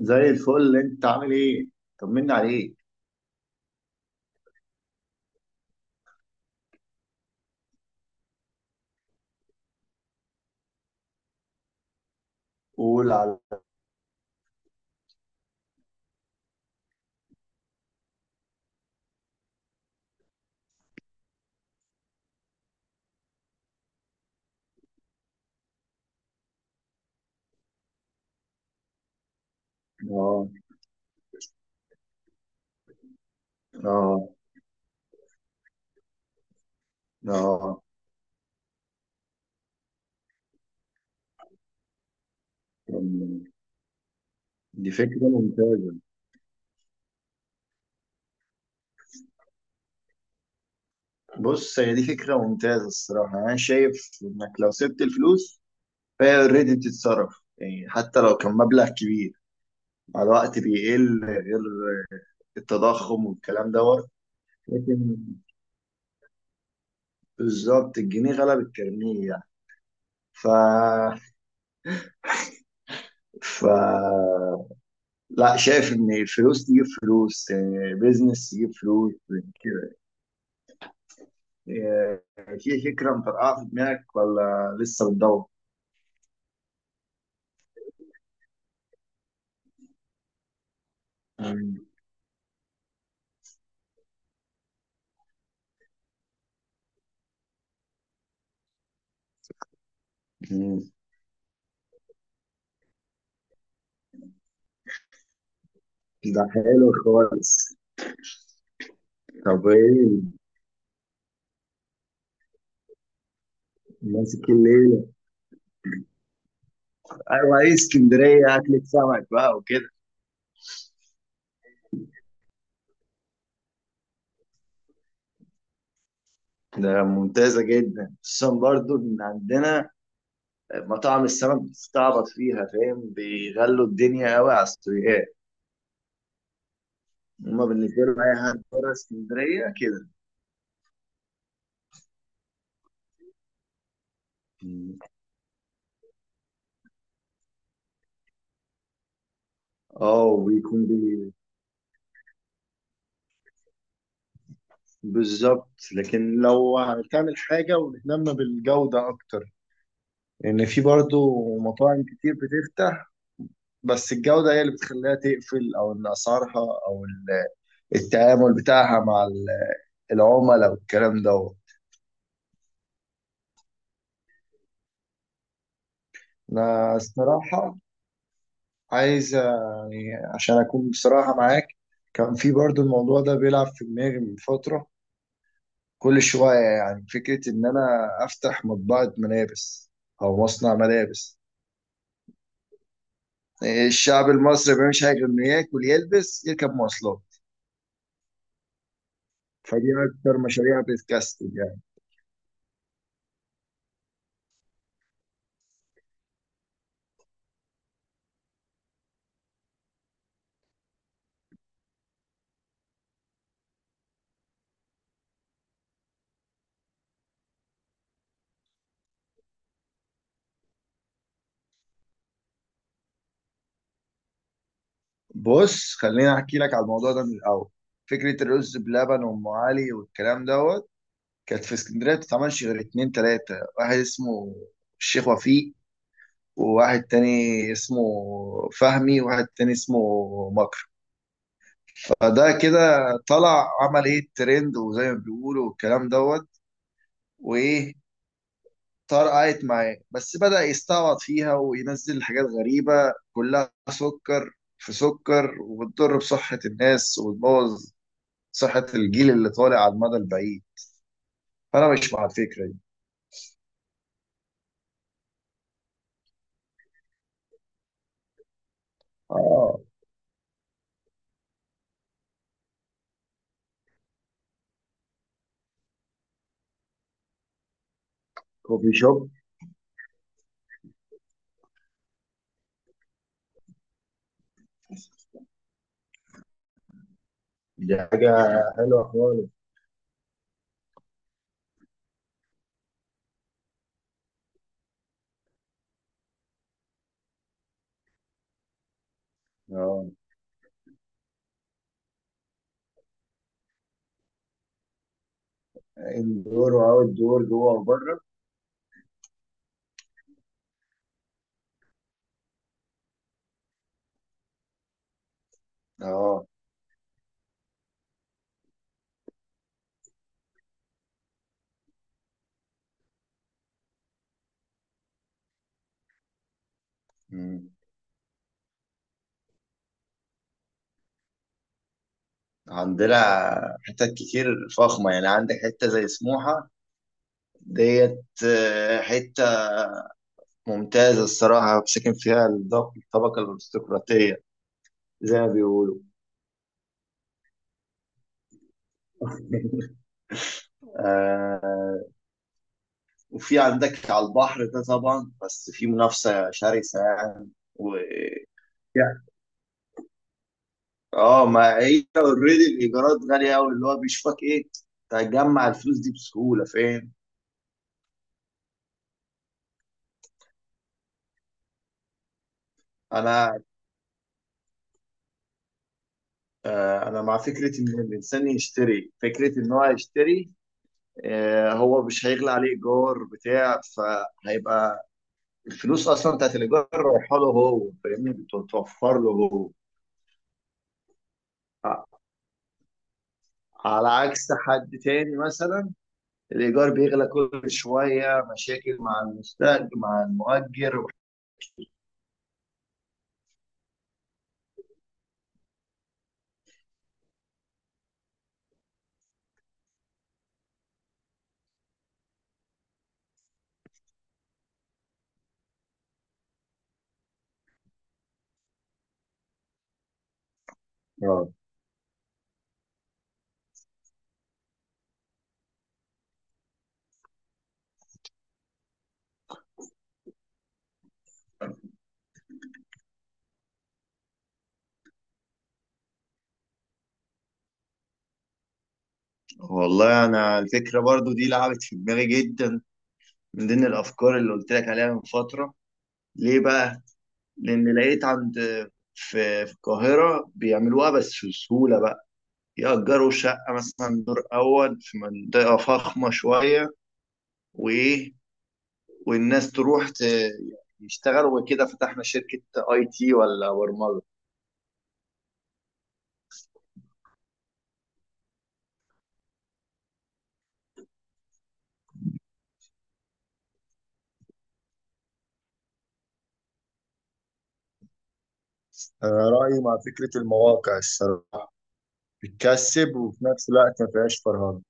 زي الفل، انت عامل ايه؟ طمنا عليك. قول على. اه، اه، اه. طمني. دي فكرة ممتازة. بص، هي دي فكرة ممتازة. الصراحة انا شايف انك لو سبت الفلوس فهي اوريدي بتتصرف، يعني حتى لو كان مبلغ كبير مع الوقت بيقل، غير التضخم والكلام دوت. لكن بالظبط، الجنيه غلب الترنيه يعني. ف ف لا، شايف ان الفلوس تجيب فلوس، بيزنس تجيب فلوس كده. آه، في فكرة مطرقعة في دماغك ولا لسه بتدور؟ مم. مم. ده حلو خالص. طب ايه؟ ماسك الليلة. ايوه، ايه، اسكندرية اكلة سمك بقى وكده. ده ممتازة جدا، خصوصا برضو ان عندنا مطاعم السمك بتستعبط فيها، فاهم؟ بيغلوا الدنيا قوي على السويقات. هما بالنسبة لهم اي حد بره اسكندرية كده. مم. اه، وبيكون بالظبط، لكن لو هتعمل حاجة وتهتم بالجودة أكتر، لأن في برضو مطاعم كتير بتفتح. بس الجودة هي اللي بتخليها تقفل، أو إن أسعارها، أو التعامل بتاعها مع العملاء والكلام ده. أنا الصراحة عايز، يعني عشان أكون بصراحة معاك، كان في برضو الموضوع ده بيلعب في دماغي من فترة، كل شوية، يعني فكرة إن أنا أفتح مطبعة ملابس أو مصنع ملابس. الشعب المصري ما بيعملش حاجه غير انه ياكل، يلبس، يركب مواصلات، فدي اكتر مشاريع بتكسب يعني. بص، خليني احكي لك على الموضوع ده من الاول. فكره الرز بلبن وام علي والكلام دوت كانت في اسكندريه ما بتتعملش غير اتنين تلاته. واحد اسمه الشيخ وفيق، وواحد تاني اسمه فهمي، وواحد تاني اسمه مكر. فده كده طلع عمل ايه الترند، وزي ما بيقولوا والكلام دوت. وايه، طرقعت معاه، بس بدأ يستعبط فيها وينزل حاجات غريبة، كلها سكر في سكر، وبتضر بصحة الناس وبتبوظ صحة الجيل اللي طالع على المدى البعيد. فأنا مش مع الفكرة دي. اه، كوفي شوب. دي حاجة حلوة خالص. اه، اندور واوت دور، جوه وبره. اه. مم. عندنا حتت كتير فخمة، يعني عندك حتة زي سموحة ديت، حتة ممتازة الصراحة، ساكن فيها الطبقة الأرستقراطية، زي ما بيقولوا. آه. وفي عندك على البحر ده طبعا، بس في منافسة شرسة يعني. و... يعني- اه، ما هي اوريدي الإيجارات غالية أوي، اللي هو بيشوفك إيه؟ تجمع الفلوس دي بسهولة، فاهم؟ أنا أنا مع فكرة إن الإنسان يشتري، فكرة إن هو يشتري. هو مش هيغلى عليه إيجار بتاع، فهيبقى الفلوس اصلا بتاعت الايجار رايحه له هو، فاهمني؟ بتتوفر له هو. ع- على عكس حد تاني مثلا، الايجار بيغلى كل شويه، مشاكل مع المستاجر مع المؤجر. اه، والله انا الفكره برضو دي لعبت في دماغي جدا، من ضمن الافكار اللي قلت لك عليها من فتره. ليه بقى؟ لان لقيت عند، في القاهره بيعملوها بس في سهوله بقى. يأجروا شقه مثلا دور اول في منطقه فخمه شويه. وايه، والناس تروح يشتغلوا وكده، فتحنا شركة IT ولا برمجة. أنا رأيي مع فكرة المواقع. الصراحة بتكسب وفي نفس الوقت ما فيهاش فرهدة.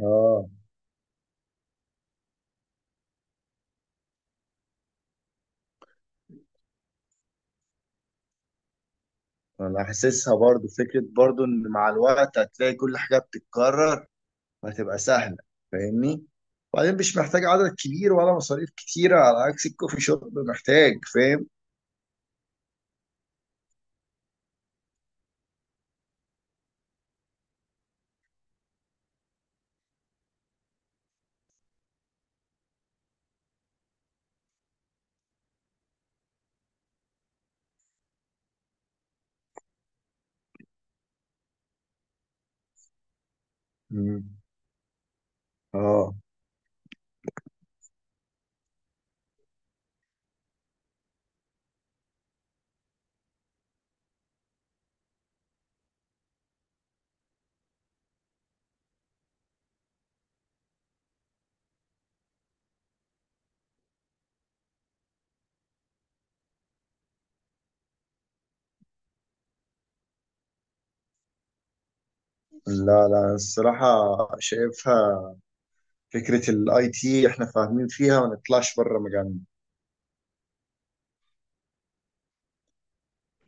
آه، أنا حاسسها برضو فكرة، برضو إن مع الوقت هتلاقي كل حاجة بتتكرر وهتبقى سهلة، فاهمني؟ وبعدين مش محتاج عدد كبير ولا مصاريف كتيرة، على عكس الكوفي شوب محتاج، فاهم؟ مم. آه. لا، لا، الصراحة شايفها، فكرة الـIT احنا فاهمين فيها، ما نطلعش بره مجالنا.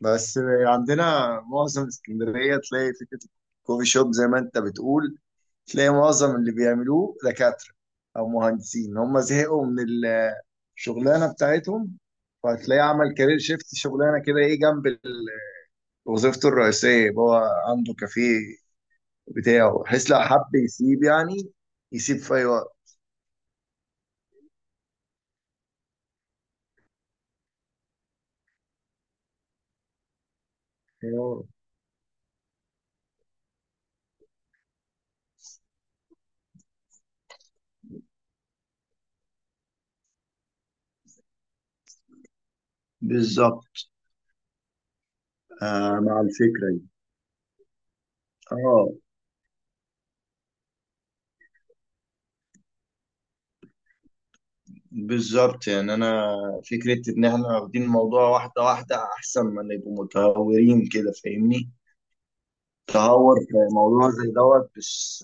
بس عندنا معظم اسكندرية تلاقي فكرة الكوفي شوب، زي ما انت بتقول، تلاقي معظم اللي بيعملوه دكاترة او مهندسين، هم زهقوا من الشغلانة بتاعتهم. فهتلاقيه عمل كارير شيفت شغلانة كده، ايه، جنب وظيفته الرئيسية. يبقى هو عنده كافيه بتاعه، بحيث لو حب يسيب يعني، يسيب في اي وقت. اه، بالظبط. آه، مع الفكرة دي. اه، بالظبط. يعني انا فكره ان احنا واخدين الموضوع واحده واحده، احسن ما نبقوا متهورين كده، فاهمني؟ تهور في موضوع زي دوت مش،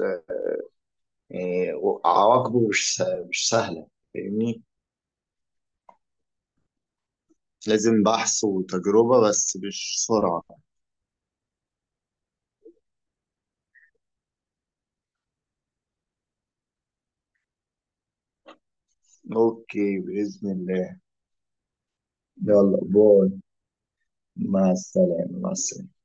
يعني عواقبه مش سهله، فاهمني. لازم بحث وتجربه، بس مش سرعه. اوكي، باذن الله. يلا، باي. مع السلامه، مع السلامه.